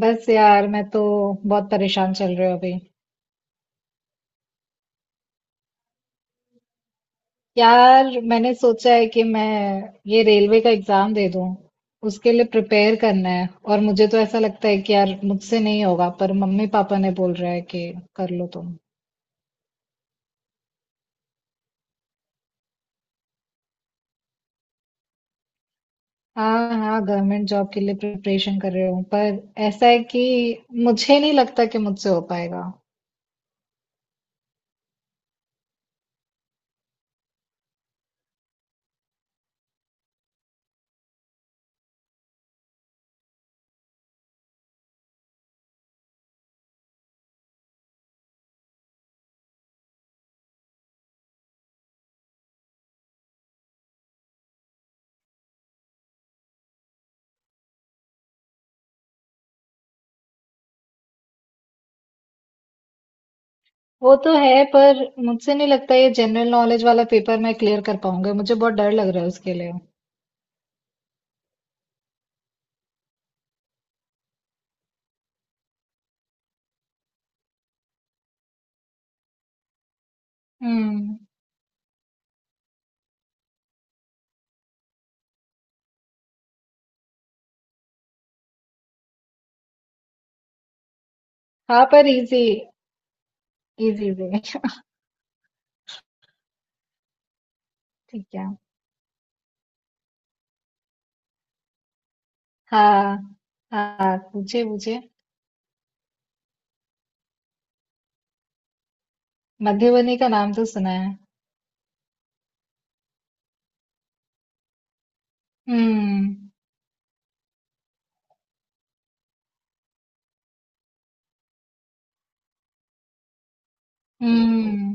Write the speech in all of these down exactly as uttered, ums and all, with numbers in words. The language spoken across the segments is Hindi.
बस यार मैं तो बहुत परेशान चल रही हूँ अभी। यार मैंने सोचा है कि मैं ये रेलवे का एग्जाम दे दूँ। उसके लिए प्रिपेयर करना है और मुझे तो ऐसा लगता है कि यार मुझसे नहीं होगा, पर मम्मी पापा ने बोल रहा है कि कर लो तुम। हाँ हाँ, गवर्नमेंट जॉब के लिए प्रिपरेशन कर रही हूँ, पर ऐसा है कि मुझे नहीं लगता कि मुझसे हो पाएगा। वो तो है, पर मुझसे नहीं लगता ये जनरल नॉलेज वाला पेपर मैं क्लियर कर पाऊंगा, मुझे बहुत डर लग रहा है उसके लिए। हम्म। हाँ, पर इजी। इजी वे ठीक है। हाँ हाँ, पूछे पूछे। मधुबनी का नाम तो सुना है। हम्म। हम्म।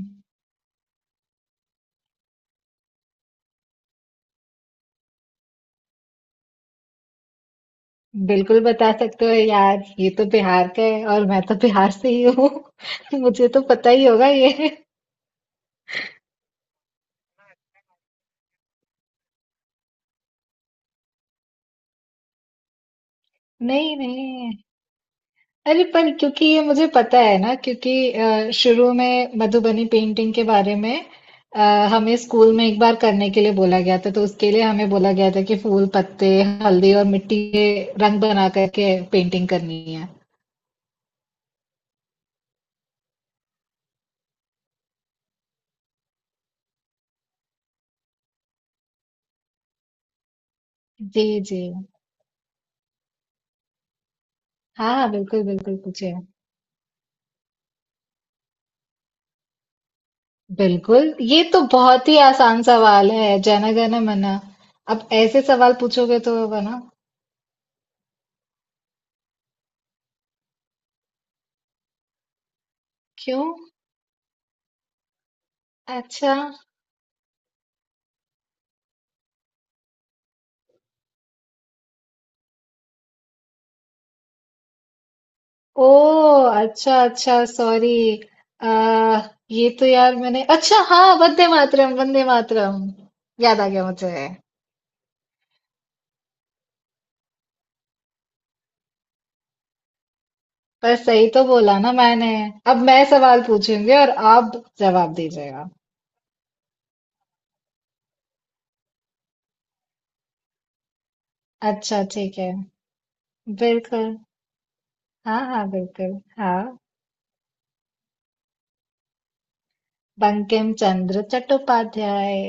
बिल्कुल बता सकते हो यार, ये तो बिहार का है और मैं तो बिहार से ही हूँ। मुझे तो पता ही होगा ये। नहीं नहीं। अरे, पर क्योंकि ये मुझे पता है ना, क्योंकि अ, शुरू में मधुबनी पेंटिंग के बारे में अ, हमें स्कूल में एक बार करने के लिए बोला गया था। तो उसके लिए हमें बोला गया था कि फूल पत्ते, हल्दी और मिट्टी के रंग बना करके पेंटिंग करनी है। जी जी। हाँ हाँ, बिल्कुल बिल्कुल पूछे। बिल्कुल, ये तो बहुत ही आसान सवाल है, जन गण मन। अब ऐसे सवाल पूछोगे तो है ना। क्यों? अच्छा। ओह अच्छा अच्छा, सॉरी। आ ये तो यार मैंने, अच्छा हाँ, वंदे मातरम वंदे मातरम, याद आ गया मुझे। पर सही तो बोला ना मैंने। अब मैं सवाल पूछूंगी और आप जवाब दीजिएगा। अच्छा ठीक है, बिल्कुल। हाँ हाँ, बिल्कुल। हाँ, बंकिम चंद्र चट्टोपाध्याय।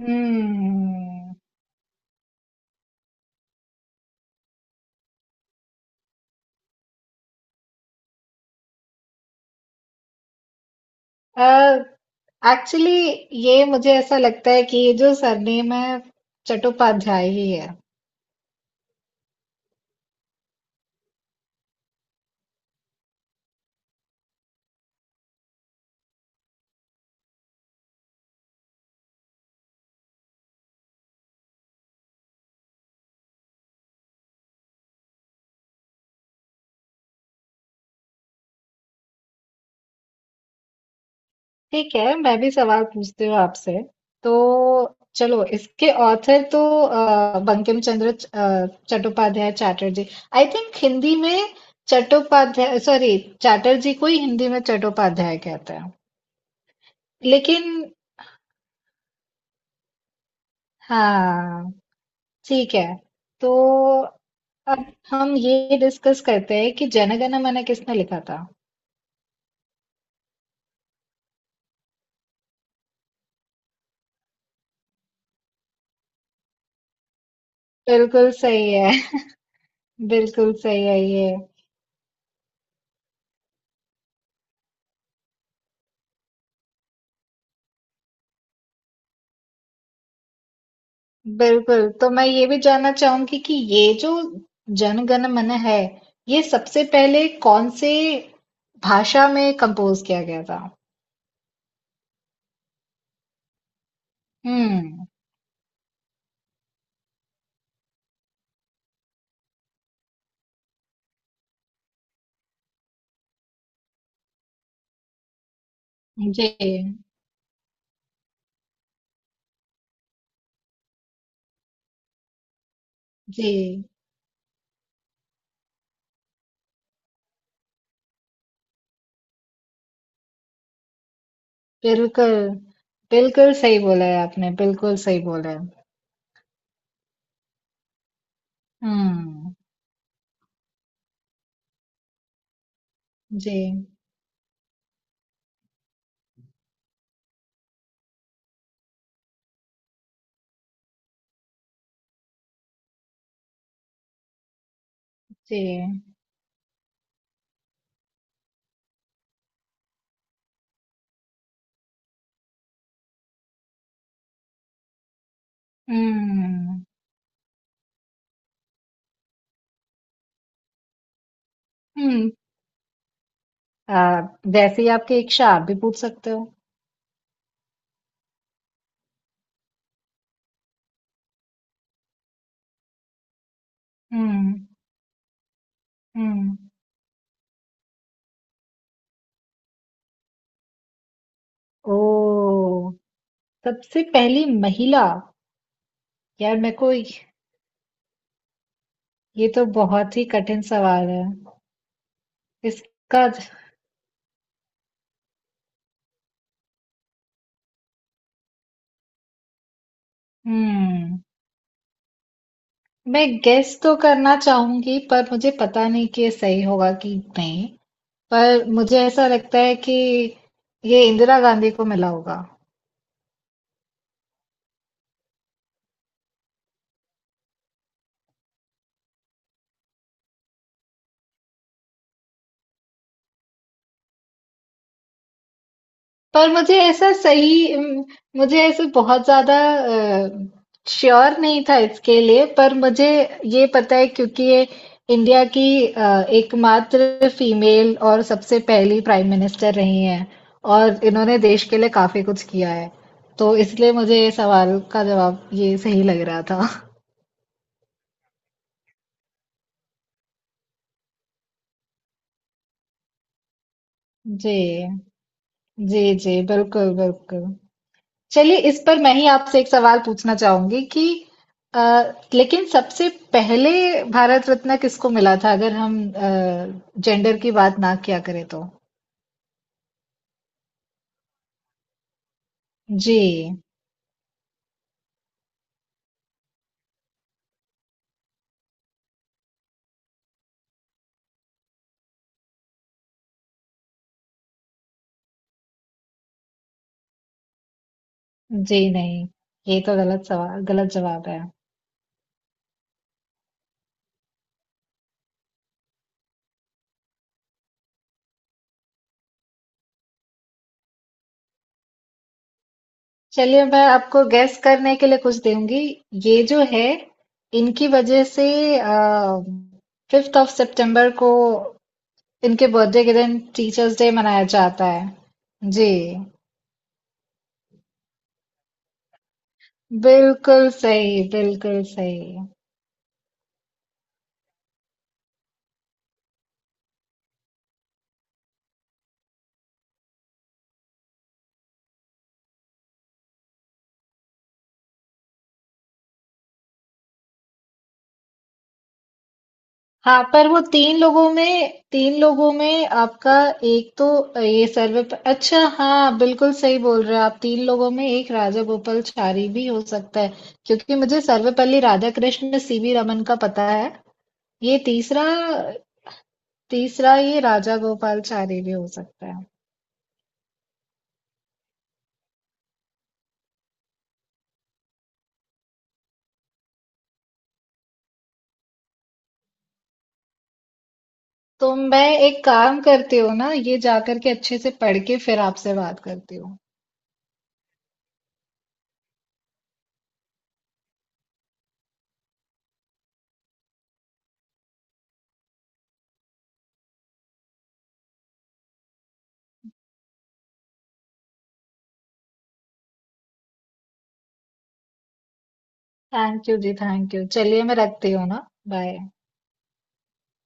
हम्म। एक्चुअली, ये मुझे ऐसा लगता है कि ये जो सरनेम है, चट्टोपाध्याय ही है। ठीक है, मैं भी सवाल पूछती हूँ आपसे तो। चलो, इसके ऑथर तो अ, बंकिम चंद्र च- अ, चट्टोपाध्याय, चैटर्जी। आई थिंक हिंदी में चट्टोपाध्याय, सॉरी चैटर्जी को ही हिंदी में चट्टोपाध्याय कहते हैं। लेकिन हाँ, ठीक है। तो अब हम ये डिस्कस करते हैं कि जनगण मन किसने लिखा था। बिल्कुल सही है बिल्कुल सही है ये। बिल्कुल, तो मैं ये भी जानना चाहूंगी कि ये जो जन गण मन है, ये सबसे पहले कौन से भाषा में कंपोज किया गया था। हम्म। जी जी, बिल्कुल बिल्कुल सही बोला है आपने, बिल्कुल सही बोला है। हम्म। जी जी। हम्म। हम्म। आ, वैसे ही आपकी इच्छा, आप भी पूछ सकते हो। हम्म। हम्म। ओ, सबसे पहली महिला। यार मेरे को ये तो बहुत ही कठिन सवाल है। इसका। हम्म। मैं गेस तो करना चाहूंगी पर मुझे पता नहीं कि ये सही होगा कि नहीं। पर मुझे ऐसा लगता है कि ये इंदिरा गांधी को मिला होगा। पर मुझे ऐसा सही उम, मुझे ऐसे बहुत ज़्यादा अ, श्योर नहीं था इसके लिए। पर मुझे ये पता है क्योंकि ये इंडिया की अ, एकमात्र फीमेल और सबसे पहली प्राइम मिनिस्टर रही हैं और इन्होंने देश के लिए काफ़ी कुछ किया है। तो इसलिए मुझे ये सवाल का जवाब ये सही लग रहा था जी। जी जी, बिल्कुल बिल्कुल। चलिए, इस पर मैं ही आपसे एक सवाल पूछना चाहूंगी कि अ, लेकिन सबसे पहले भारत रत्न किसको मिला था, अगर हम जेंडर की बात ना किया करें तो। जी जी नहीं, ये तो गलत सवाल गलत जवाब है। चलिए, मैं आपको गैस करने के लिए कुछ दूंगी। ये जो है, इनकी वजह से फिफ्थ ऑफ सितंबर को, इनके बर्थडे के दिन, टीचर्स डे मनाया जाता है। जी, बिल्कुल सही, बिल्कुल सही। हाँ, पर वो तीन लोगों में 3 लोगों में आपका एक तो ये सर्वे प अच्छा हाँ, बिल्कुल सही बोल रहे हो आप। तीन लोगों में एक राजा गोपालाचारी भी हो सकता है, क्योंकि मुझे सर्वपल्ली राधाकृष्ण, सी वी रमन का पता है। ये तीसरा तीसरा ये राजा गोपालाचारी भी हो सकता है। तो मैं एक काम करती हूँ ना, ये जा करके अच्छे से पढ़ के फिर आपसे बात करती हूँ। थैंक यू जी, थैंक यू। चलिए मैं रखती हूँ ना, बाय।